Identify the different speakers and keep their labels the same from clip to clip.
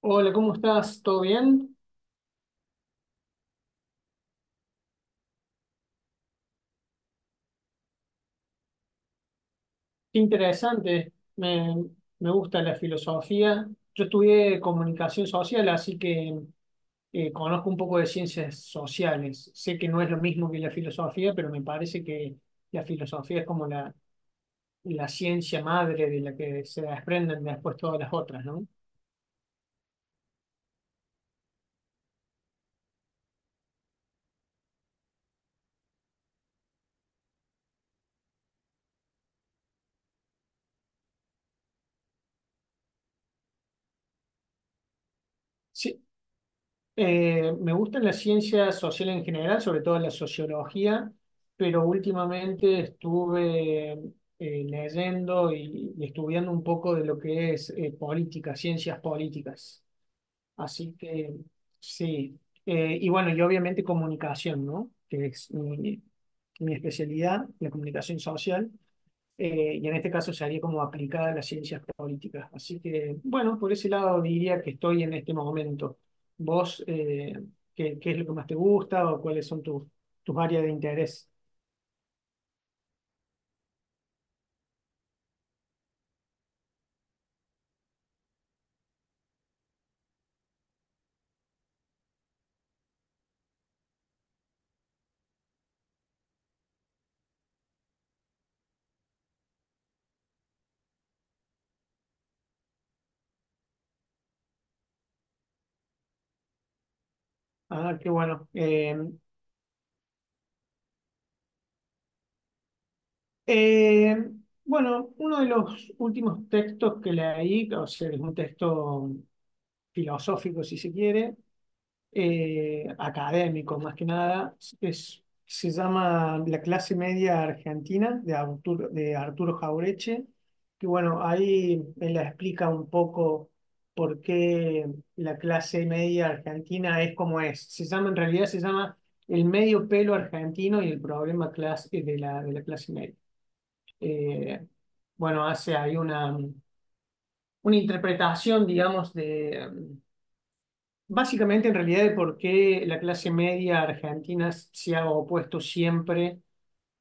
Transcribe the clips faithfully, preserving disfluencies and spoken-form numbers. Speaker 1: Hola, ¿cómo estás? ¿Todo bien? Qué interesante. Me, me gusta la filosofía. Yo estudié comunicación social, así que eh, conozco un poco de ciencias sociales. Sé que no es lo mismo que la filosofía, pero me parece que la filosofía es como la, la ciencia madre de la que se desprenden después todas las otras, ¿no? Sí. Eh, me gustan las ciencias sociales en general, sobre todo la sociología, pero últimamente estuve eh, leyendo y, y estudiando un poco de lo que es eh, política, ciencias políticas. Así que sí. Eh, y bueno, y obviamente comunicación, ¿no? Que es mi, mi especialidad, la comunicación social, eh, y en este caso sería como aplicada a las ciencias políticas. Así que, bueno, por ese lado diría que estoy en este momento. ¿Vos eh, qué, qué es lo que más te gusta o cuáles son tus, tus áreas de interés? Ah, qué bueno. Eh, eh, bueno, uno de los últimos textos que leí, o sea, es un texto filosófico, si se quiere, eh, académicos, más que nada. Es, se llama La clase media argentina de Arturo, de Arturo Jaureche, que bueno, ahí él explica un poco por qué la clase media argentina es como es. Se llama, en realidad se llama El medio pelo argentino y el problema clase, de la, de la clase media. Eh, bueno, hace ahí una, una interpretación, digamos, de, básicamente, en realidad, el por qué la clase media argentina se ha opuesto siempre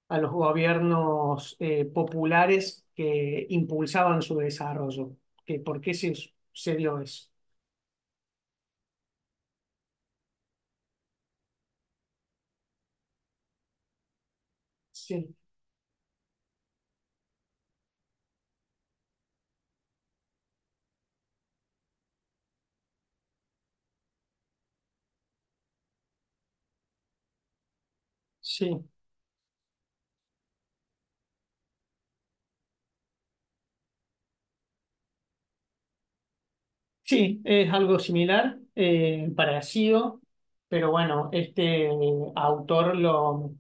Speaker 1: a los gobiernos eh, populares que impulsaban su desarrollo. Que ¿Por qué se, se dio eso? Sí, sí, sí, es algo similar, eh, parecido, pero bueno, este autor lo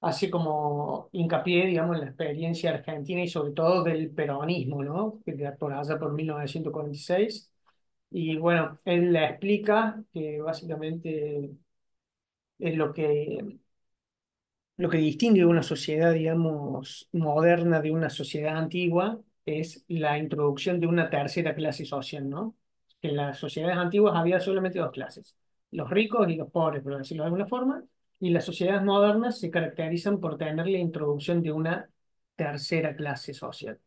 Speaker 1: hace como hincapié, digamos, en la experiencia argentina y sobre todo del peronismo, ¿no? Que Por allá por mil novecientos cuarenta y seis. Y bueno, él la explica que básicamente es lo que, lo que distingue una sociedad, digamos, moderna de una sociedad antigua, es la introducción de una tercera clase social, ¿no? Que en las sociedades antiguas había solamente dos clases, los ricos y los pobres, por decirlo de alguna forma, y las sociedades modernas se caracterizan por tener la introducción de una tercera clase social,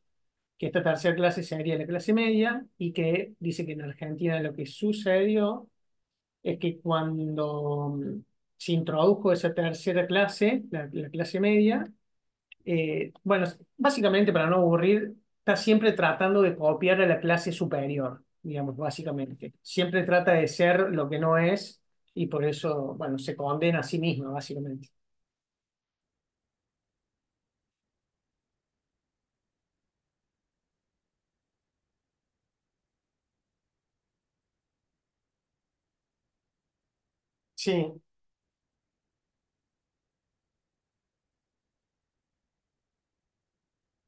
Speaker 1: que esta tercera clase sería la clase media y que dice que en Argentina lo que sucedió es que cuando mm, se introdujo esa tercera clase, la, la clase media, eh, bueno, básicamente para no aburrir, está siempre tratando de copiar a la clase superior, digamos, básicamente. Siempre trata de ser lo que no es y por eso, bueno, se condena a sí misma, básicamente. Sí,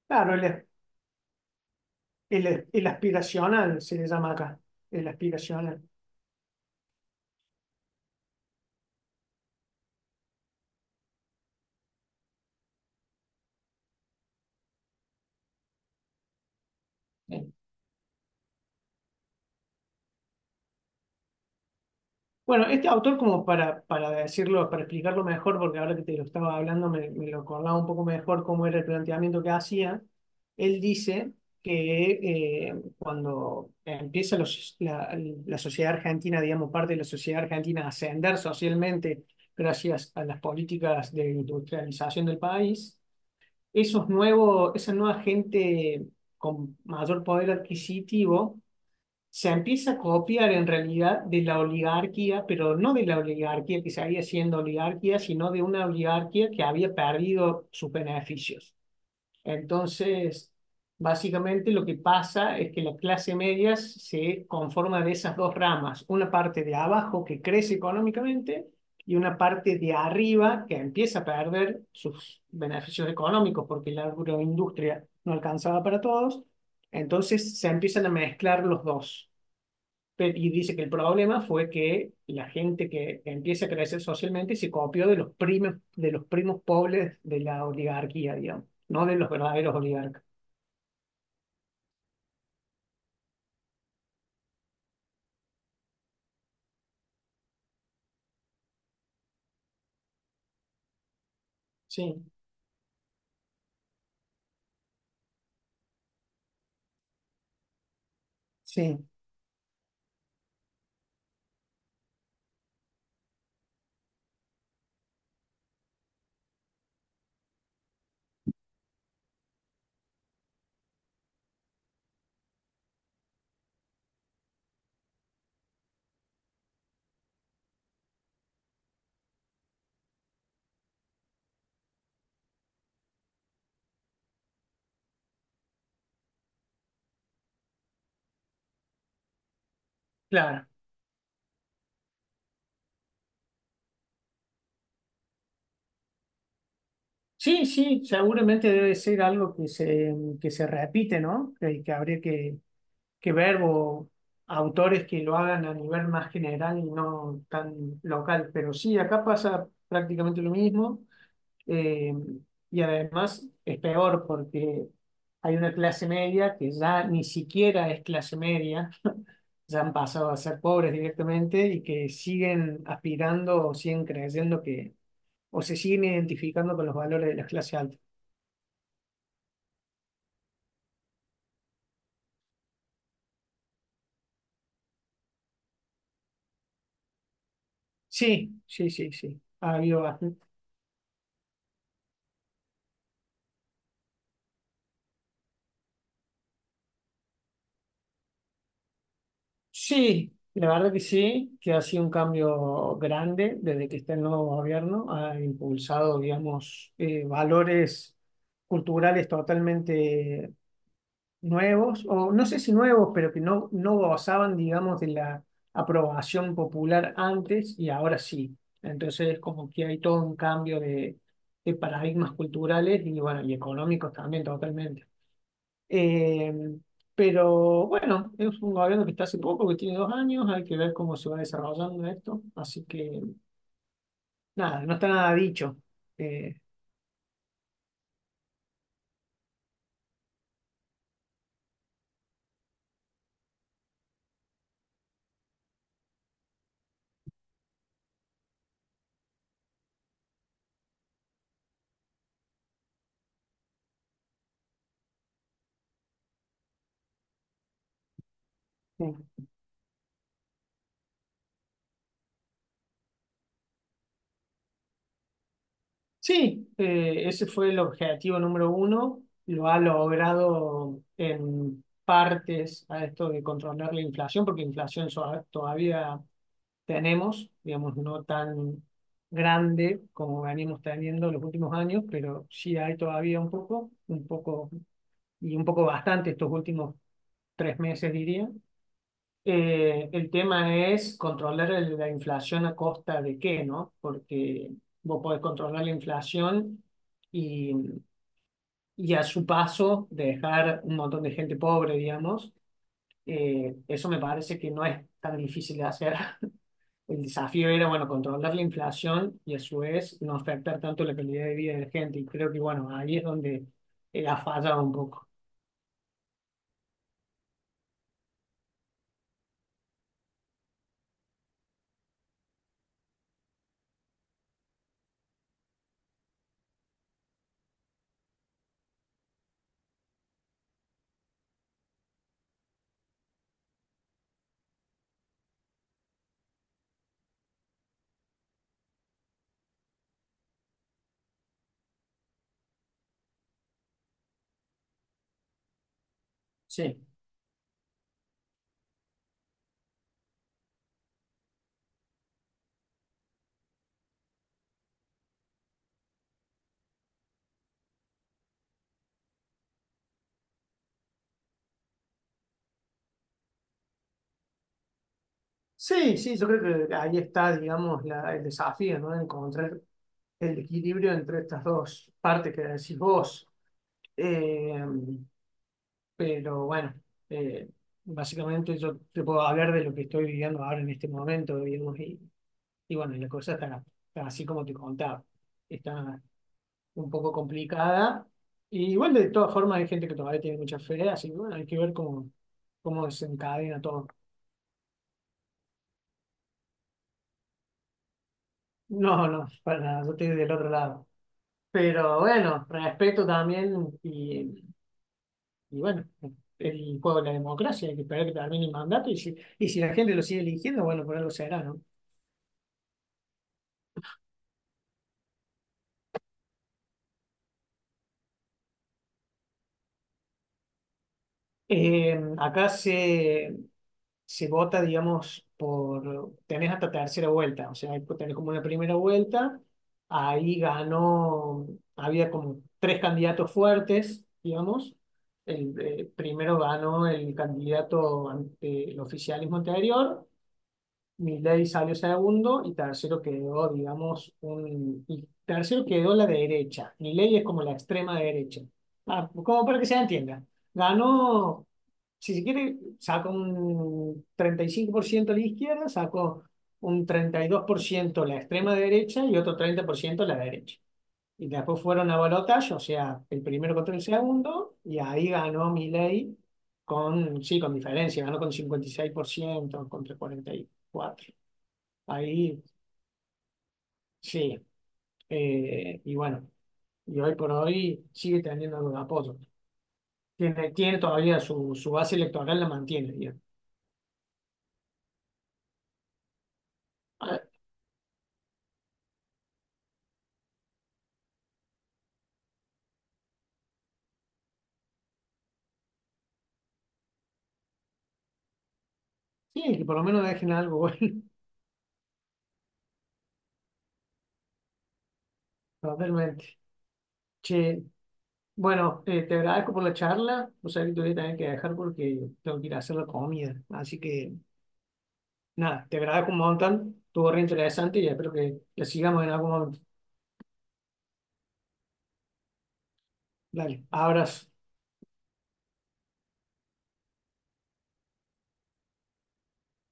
Speaker 1: claro, el, el, el aspiracional se le llama acá, el aspiracional. Eh, Bueno, este autor, como para, para decirlo, para explicarlo mejor, porque ahora que te lo estaba hablando me, me lo acordaba un poco mejor cómo era el planteamiento que hacía, él dice que eh, cuando empieza los- la, la sociedad argentina, digamos, parte de la sociedad argentina a ascender socialmente gracias a las políticas de industrialización del país, esos nuevos, esa nueva gente con mayor poder adquisitivo se empieza a copiar en realidad de la oligarquía, pero no de la oligarquía que seguía siendo oligarquía, sino de una oligarquía que había perdido sus beneficios. Entonces, básicamente lo que pasa es que la clase media se conforma de esas dos ramas, una parte de abajo que crece económicamente y una parte de arriba que empieza a perder sus beneficios económicos porque la agroindustria no alcanzaba para todos. Entonces se empiezan a mezclar los dos. Y dice que el problema fue que la gente que empieza a crecer socialmente se copió de los primos, de los primos pobres de la oligarquía, digamos, no de los verdaderos oligarcas. Sí, sí, claro. Sí, sí, seguramente debe ser algo que se, que se repite, ¿no? Que, que habría que, que ver o autores que lo hagan a nivel más general y no tan local. Pero sí, acá pasa prácticamente lo mismo. Eh, y además es peor porque hay una clase media que ya ni siquiera es clase media, ya han pasado a ser pobres directamente y que siguen aspirando o siguen creyendo que, o se siguen identificando con los valores de las clases altas. Sí, sí, sí, sí. Ha habido bastante. Sí, la verdad que sí, que ha sido un cambio grande desde que está el nuevo gobierno, ha impulsado, digamos, eh, valores culturales totalmente nuevos, o no sé si nuevos, pero que no, no gozaban, digamos, de la aprobación popular antes y ahora sí. Entonces, como que hay todo un cambio de, de paradigmas culturales y, bueno, y económicos también, totalmente. Eh, pero bueno, es un gobierno que está hace poco, que tiene dos años, hay que ver cómo se va desarrollando esto. Así que, nada, no está nada dicho. Eh, Sí, eh, ese fue el objetivo número uno. Lo ha logrado en partes a esto de controlar la inflación, porque inflación so- todavía tenemos, digamos, no tan grande como venimos teniendo en los últimos años, pero sí hay todavía un poco, un poco y un poco bastante estos últimos tres meses, diría. Eh, el tema es controlar el- la inflación a costa de qué, ¿no? Porque vos podés controlar la inflación y, y a su paso dejar un montón de gente pobre, digamos. Eh, eso me parece que no es tan difícil de hacer. El desafío era, bueno, controlar la inflación y a su vez no afectar tanto la calidad de vida de la gente. Y creo que, bueno, ahí es donde eh, ha fallado un poco. Sí. Sí, sí, yo creo que ahí está, digamos, la- el desafío, ¿no? Encontrar el equilibrio entre estas dos partes que decís vos. Eh, pero bueno, eh, básicamente yo te puedo hablar de lo que estoy viviendo ahora en este momento, digamos, y, y bueno, la cosa está, está así como te contaba, está un poco complicada. Y igual de todas formas hay gente que todavía tiene mucha fe, así que bueno, hay que ver cómo, cómo desencadena todo. No, no, para nada, yo estoy del otro lado. Pero bueno, respeto también y, y bueno, el juego de la democracia, hay que esperar que termine el mandato y si, y si la gente lo sigue eligiendo, bueno, por algo será, ¿no? Eh, acá se, se vota, digamos, por, tenés hasta tercera vuelta, o sea, tenés como una primera vuelta, ahí ganó, había como tres candidatos fuertes, digamos, el, eh, primero ganó el candidato ante el oficialismo anterior. Milei salió segundo y tercero quedó, digamos, un... Y tercero quedó la derecha. Milei es como la extrema derecha. Ah, como para que se entienda. Ganó, si se quiere, sacó un treinta y cinco por ciento la izquierda, sacó un treinta y dos por ciento la extrema derecha y otro treinta por ciento la derecha. Y después fueron a balotaje, o sea, el primero contra el segundo, y ahí ganó Milei con, sí, con diferencia, ganó con cincuenta y seis por ciento contra cuarenta y cuatro. Ahí sí. Eh, y bueno, y hoy por hoy sigue teniendo algo de apoyo. Tiene, tiene todavía su, su base electoral, la mantiene, digamos. Ah, sí, que por lo menos dejen algo bueno. Totalmente. Che, bueno, eh, te agradezco por la charla. O sea, que te voy a tener que dejar porque tengo que ir a hacer la comida. Así que nada, te agradezco un montón. Estuvo re interesante y espero que, que sigamos en algún momento. Dale, abrazo.